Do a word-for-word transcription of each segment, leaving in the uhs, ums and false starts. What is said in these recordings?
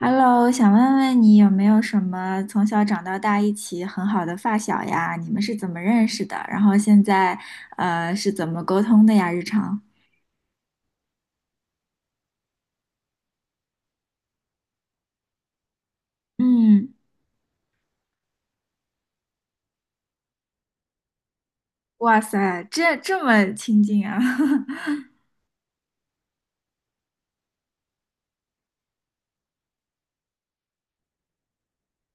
Hello，想问问你有没有什么从小长到大一起很好的发小呀？你们是怎么认识的？然后现在呃是怎么沟通的呀？日常？嗯，哇塞，这这么亲近啊！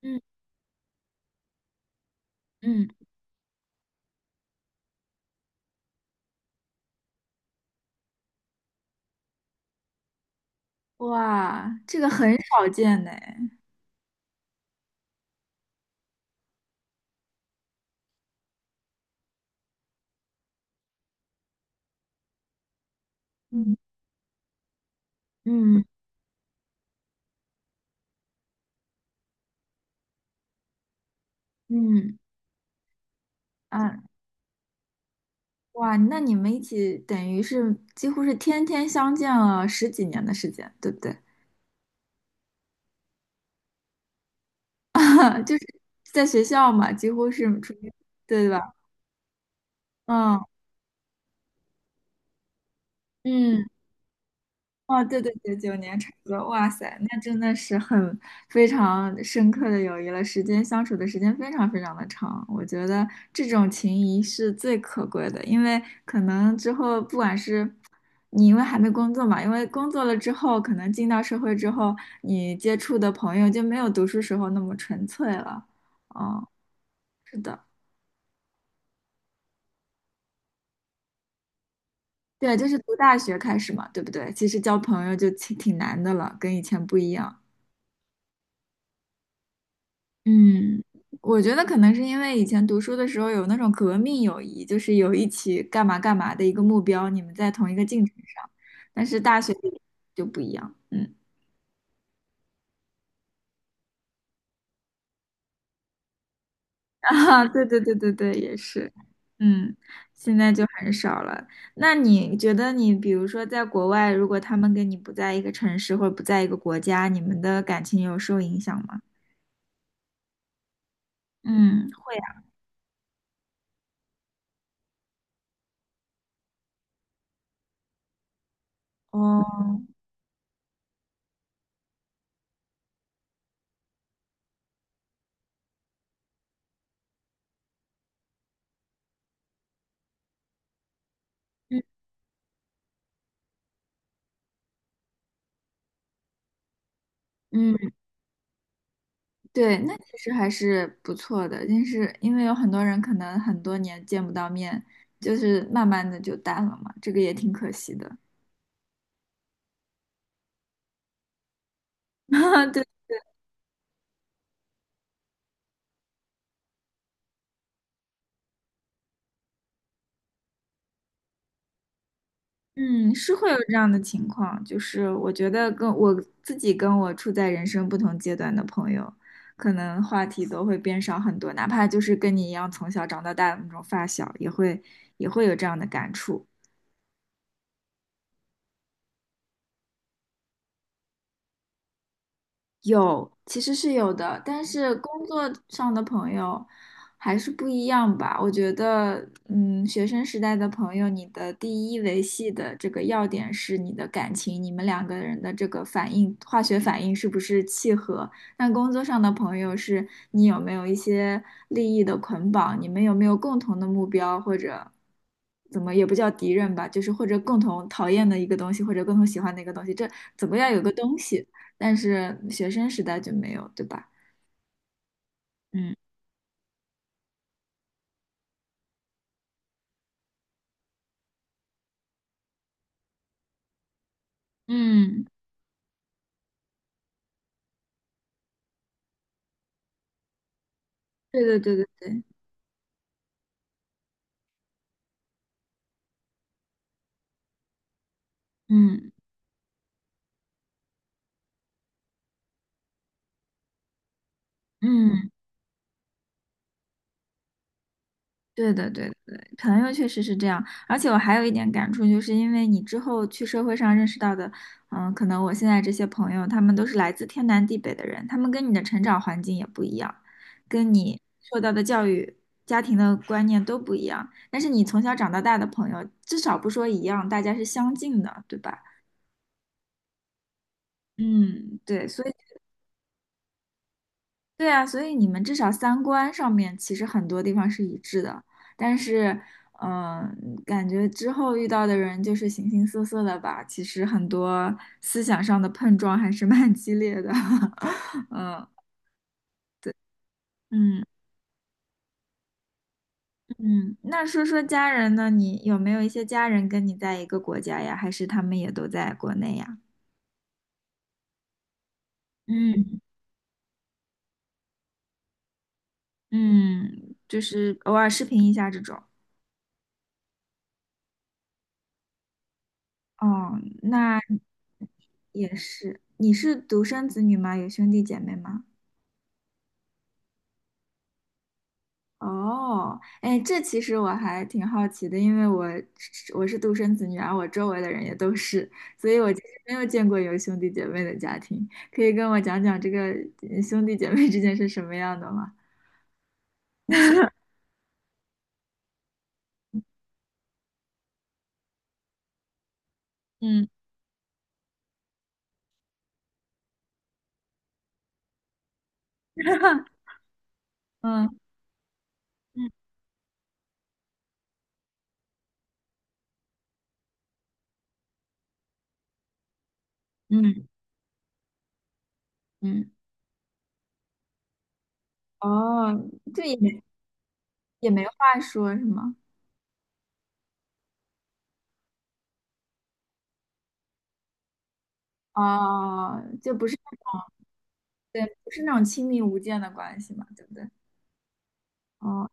嗯嗯，哇，这个很少见呢。嗯嗯嗯啊，哇，那你们一起等于是几乎是天天相见了十几年的时间，对不对？就是在学校嘛，几乎是处于对吧？嗯。嗯，哦，对对对，九年差不多，哇塞，那真的是很非常深刻的友谊了，时间相处的时间非常非常的长，我觉得这种情谊是最可贵的，因为可能之后不管是你因为还没工作嘛，因为工作了之后，可能进到社会之后，你接触的朋友就没有读书时候那么纯粹了，嗯，是的。对，就是读大学开始嘛，对不对？其实交朋友就挺挺难的了，跟以前不一样。嗯，我觉得可能是因为以前读书的时候有那种革命友谊，就是有一起干嘛干嘛的一个目标，你们在同一个进程上。但是大学里就不一样，嗯，啊，对对对对对，也是，嗯，现在就很少了。那你觉得你比如说在国外，如果他们跟你不在一个城市或者不在一个国家，你们的感情有受影响吗？嗯，会啊，哦，嗯对，那其实还是不错的，但是因为有很多人可能很多年见不到面，就是慢慢的就淡了嘛，这个也挺可惜的。对，嗯，是会有这样的情况，就是我觉得跟我自己跟我处在人生不同阶段的朋友，可能话题都会变少很多，哪怕就是跟你一样从小长到大的那种发小，也会也会有这样的感触。有，其实是有的，但是工作上的朋友还是不一样吧。我觉得，嗯，学生时代的朋友，你的第一维系的这个要点是你的感情，你们两个人的这个反应，化学反应是不是契合？但工作上的朋友是你有没有一些利益的捆绑，你们有没有共同的目标，或者怎么也不叫敌人吧，就是或者共同讨厌的一个东西，或者共同喜欢的一个东西，这怎么要有个东西。但是学生时代就没有，对吧？嗯嗯，对对对对对，嗯嗯，对的对的对的朋友确实是这样，而且我还有一点感触，就是因为你之后去社会上认识到的，嗯，可能我现在这些朋友，他们都是来自天南地北的人，他们跟你的成长环境也不一样，跟你受到的教育、家庭的观念都不一样，但是你从小长到大的朋友，至少不说一样，大家是相近的，对吧？嗯，对，所以。对啊，所以你们至少三观上面其实很多地方是一致的，但是，嗯、感觉之后遇到的人就是形形色色的吧，其实很多思想上的碰撞还是蛮激烈的，嗯嗯嗯。那说说家人呢？你有没有一些家人跟你在一个国家呀？还是他们也都在国内呀？嗯嗯，就是偶尔视频一下这种。哦，那也是。你是独生子女吗？有兄弟姐妹吗？哦，哎，这其实我还挺好奇的，因为我我是独生子女，而我周围的人也都是，所以我其实没有见过有兄弟姐妹的家庭。可以跟我讲讲这个呃兄弟姐妹之间是什么样的吗？嗯 嗯嗯嗯嗯，哦，这也没也没话说是吗？哦，就不是对，不是那种亲密无间的关系嘛，对不对？哦，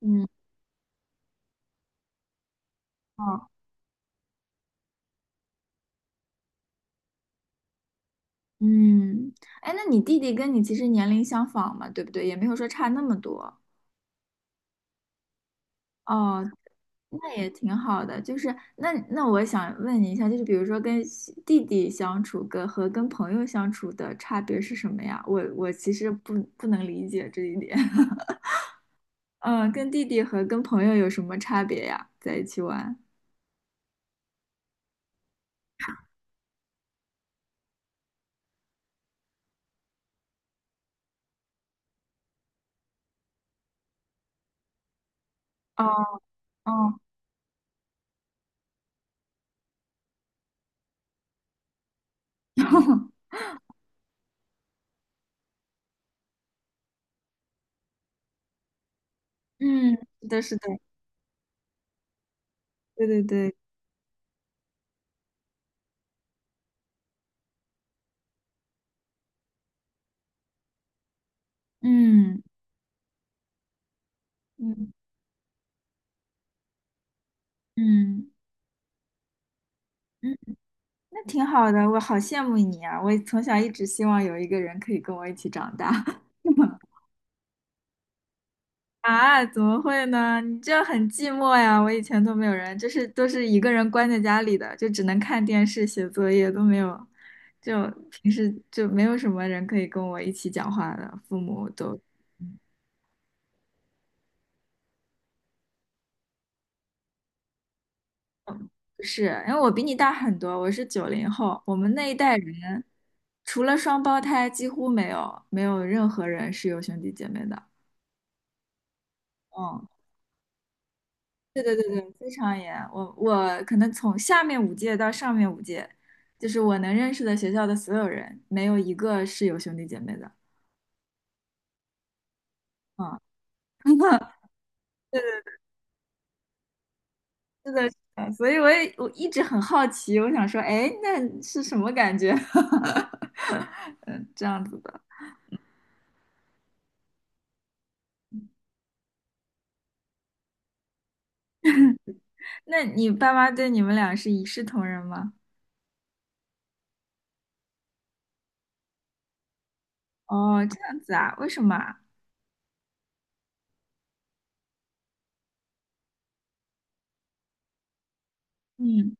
嗯，哦，嗯，哎，那你弟弟跟你其实年龄相仿嘛，对不对？也没有说差那么多。哦，那也挺好的。就是那那我想问你一下，就是比如说跟西弟弟相处跟和跟朋友相处的差别是什么呀？我我其实不不能理解这一点。嗯，跟弟弟和跟朋友有什么差别呀？在一起玩？哦哦，嗯，是的，是的，对对对，嗯嗯嗯。嗯那挺好的，我好羡慕你啊！我从小一直希望有一个人可以跟我一起长大 啊！怎么会呢？你这样很寂寞呀！我以前都没有人，就是都是一个人关在家里的，就只能看电视、写作业，都没有，就平时就没有什么人可以跟我一起讲话的，父母都不是，因为我比你大很多，我是九零后，我们那一代人除了双胞胎，几乎没有没有任何人是有兄弟姐妹的。嗯，对对对对，非常严。我我可能从下面五届到上面五届，就是我能认识的学校的所有人，没有一个是有兄弟姐妹的。啊，对的，是的，是的。所以我也我一直很好奇，我想说，哎，那是什么感觉？嗯，这样子的。那你爸妈对你们俩是一视同仁吗？哦，这样子啊？为什么啊？嗯，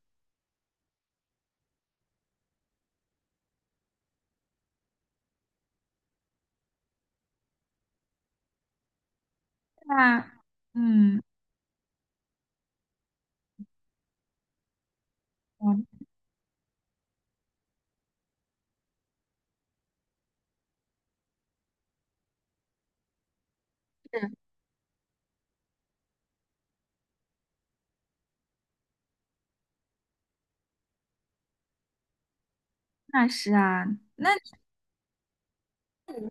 那嗯，哦，那是啊。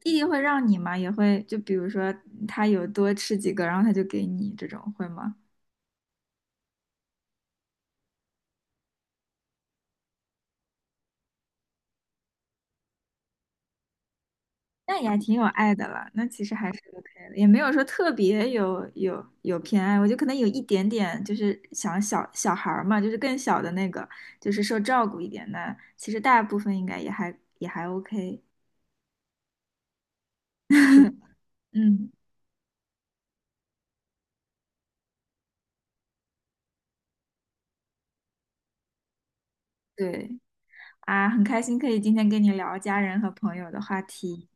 弟弟会让你吗？也会，就比如说他有多吃几个，然后他就给你这种，会吗？那也还挺有爱的了，那其实还是 OK 的，也没有说特别有有有偏爱，我就可能有一点点，就是想小小孩儿嘛，就是更小的那个，就是受照顾一点那其实大部分应该也还也还 OK。嗯，对啊，很开心可以今天跟你聊家人和朋友的话题。